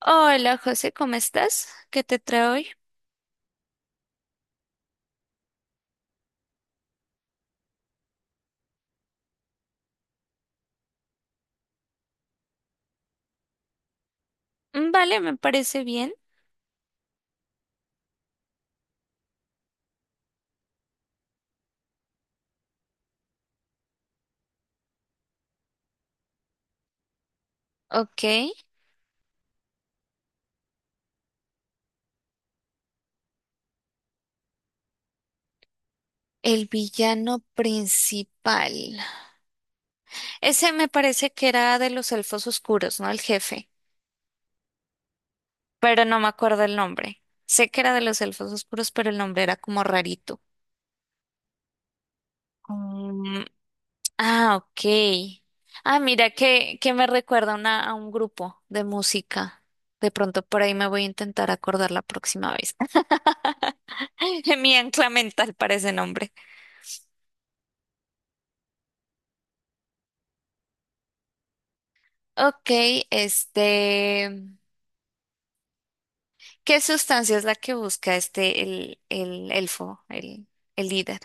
Hola José, ¿cómo estás? ¿Qué te trae hoy? Vale, me parece bien. Ok, el villano principal. Ese me parece que era de los elfos oscuros, ¿no? El jefe, pero no me acuerdo el nombre. Sé que era de los elfos oscuros, pero el nombre era como rarito. Mm, ah, ok. Ah, mira que me recuerda a una, a un grupo de música. De pronto por ahí me voy a intentar acordar la próxima vez. Mi ancla mental para ese nombre. Ok, este, ¿qué sustancia es la que busca este, el elfo, el líder?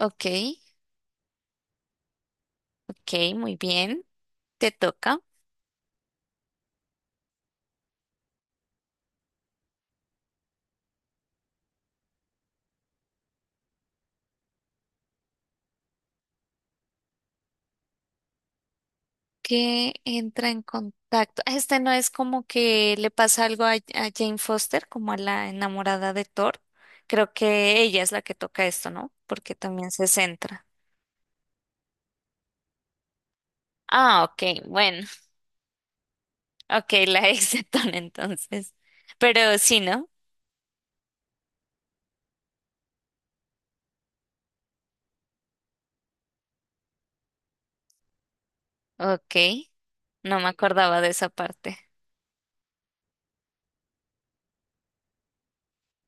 Ok, ok, muy bien, te toca. ¿Qué entra en contacto? Ah, este no es como que le pasa algo a Jane Foster, como a la enamorada de Thor. Creo que ella es la que toca esto, ¿no? Porque también se centra. Ah, ok, bueno, ok, la ex de Thor entonces. Pero sí, ¿no? Ok, no me acordaba de esa parte.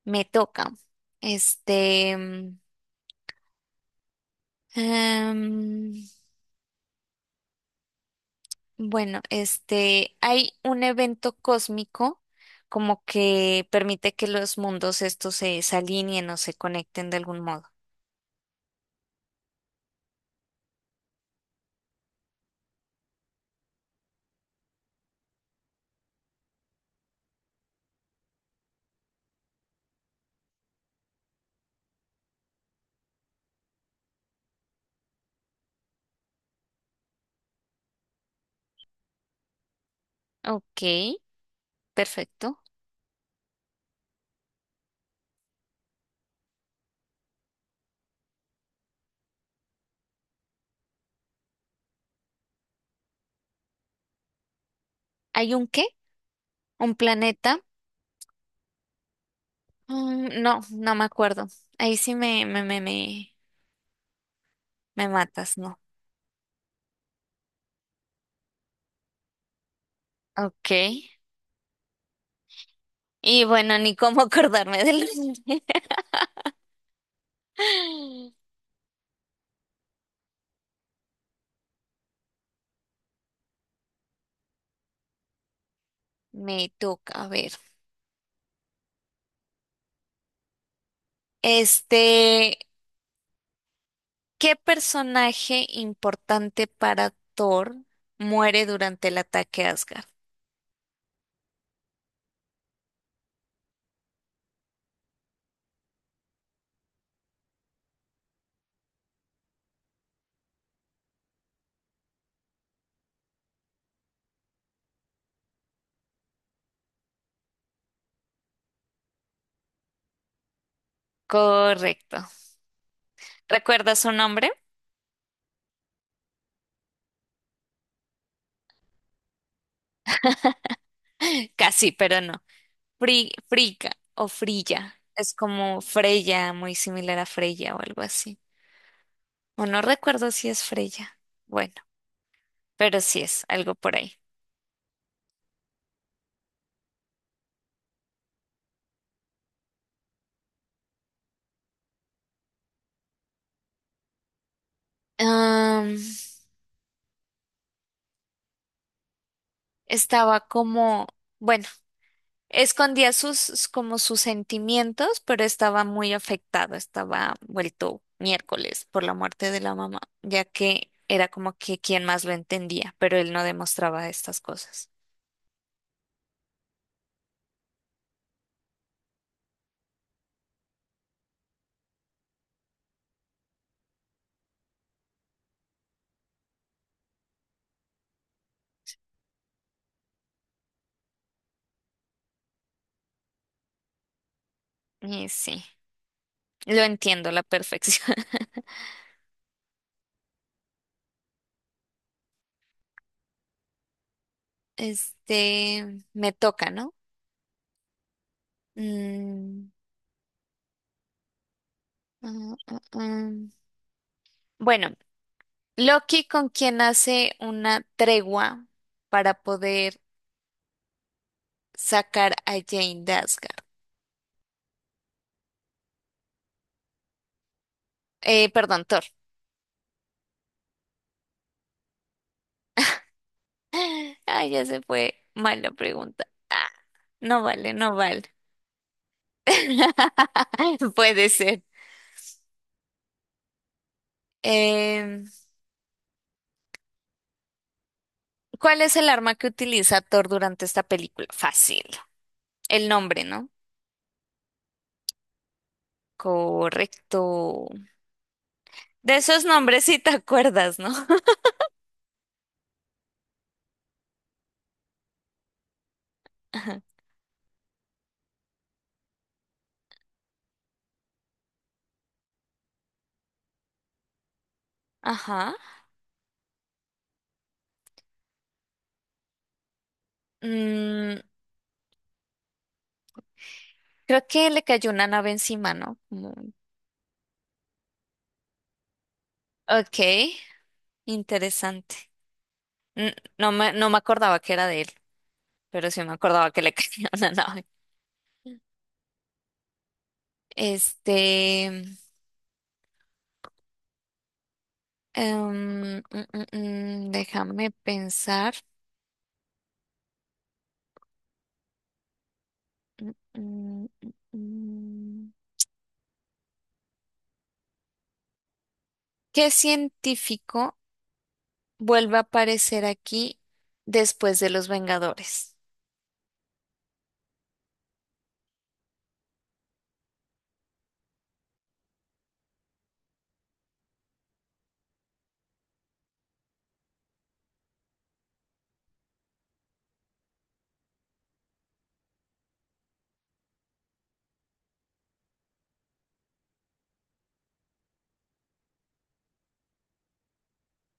Me toca. Este, mm, em, bueno, este, hay un evento cósmico como que permite que los mundos estos se alineen o se conecten de algún modo. Ok, perfecto. ¿Hay un qué? ¿Un planeta? Mm, no me acuerdo. Ahí sí me matas, ¿no? Ok. Y bueno, ni cómo acordarme del nombre. Me toca, a ver. Este, ¿qué personaje importante para Thor muere durante el ataque a Asgard? Correcto. ¿Recuerdas su nombre? Casi, pero no. Fri Friga o Frilla. Es como Freya, muy similar a Freya o algo así. O no recuerdo si es Freya. Bueno, pero sí es algo por ahí. Am, estaba como, bueno. Escondía sus, como sus sentimientos, pero estaba muy afectado, estaba vuelto miércoles por la muerte de la mamá, ya que era como que quien más lo entendía, pero él no demostraba estas cosas. Y sí, lo entiendo a la perfección. Este, me toca, ¿no? Mm, mm, mm, mm. Bueno, Loki con quien hace una tregua para poder sacar a Jane de Asgard. Perdón, Thor. Ay, ya se fue mal la pregunta. Ah, no vale, no vale. Puede ser. Em, ¿cuál es el arma que utiliza Thor durante esta película? Fácil. El nombre, ¿no? Correcto. De esos nombres sí te acuerdas, ¿no? Ajá. Ajá. Mm, creo que le cayó una nave encima, ¿no? Como ok, interesante. No me, no me acordaba que era de él, pero sí me acordaba que le cayó una nave. Este. Déjame pensar. Mm, mm, mm, mm. ¿Qué científico vuelve a aparecer aquí después de los Vengadores?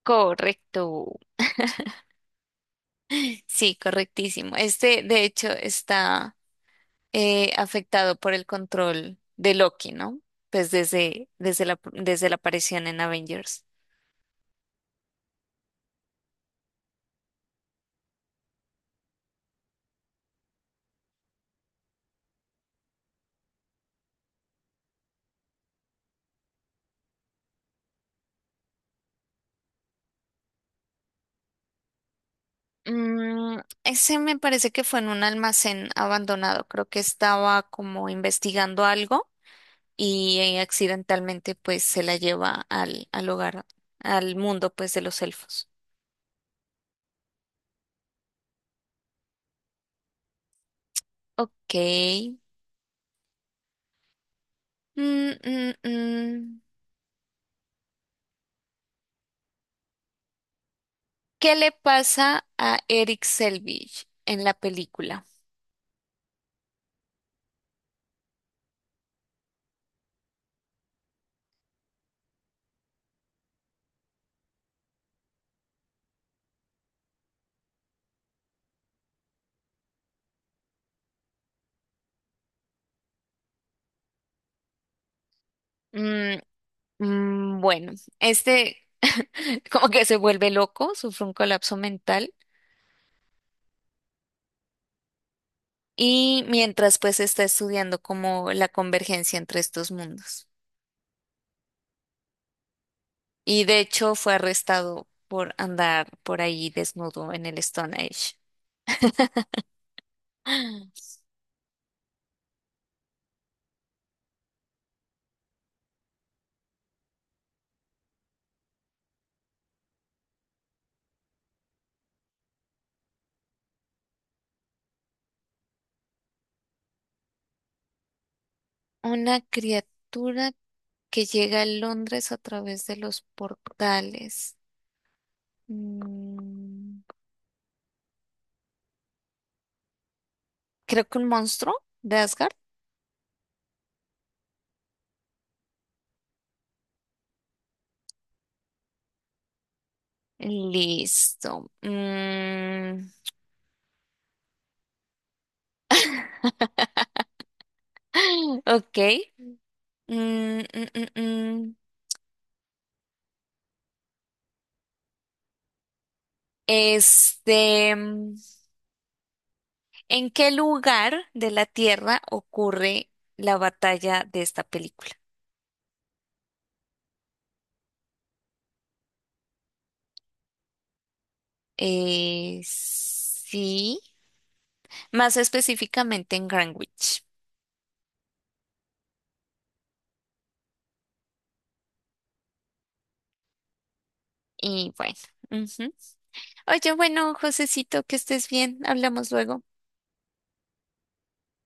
Correcto. Sí, correctísimo. Este, de hecho, está afectado por el control de Loki, ¿no? Pues desde desde la aparición en Avengers. Mm, ese me parece que fue en un almacén abandonado. Creo que estaba como investigando algo y accidentalmente pues se la lleva al hogar, al mundo pues de los elfos. Ok. Mm, mm, mm. ¿Qué le pasa a Eric Selvig en la película? Mm, bueno, este como que se vuelve loco, sufre un colapso mental y mientras pues está estudiando como la convergencia entre estos mundos. Y de hecho fue arrestado por andar por ahí desnudo en el Stone Age. Una criatura que llega a Londres a través de los portales. Mm, creo que un monstruo de Asgard. Listo. Mm, ok. Mm, mm, mm, mm. Este, ¿en qué lugar de la Tierra ocurre la batalla de esta película? Sí, más específicamente en Greenwich. Y bueno, ujú. Oye, bueno, Josecito, que estés bien. Hablamos luego.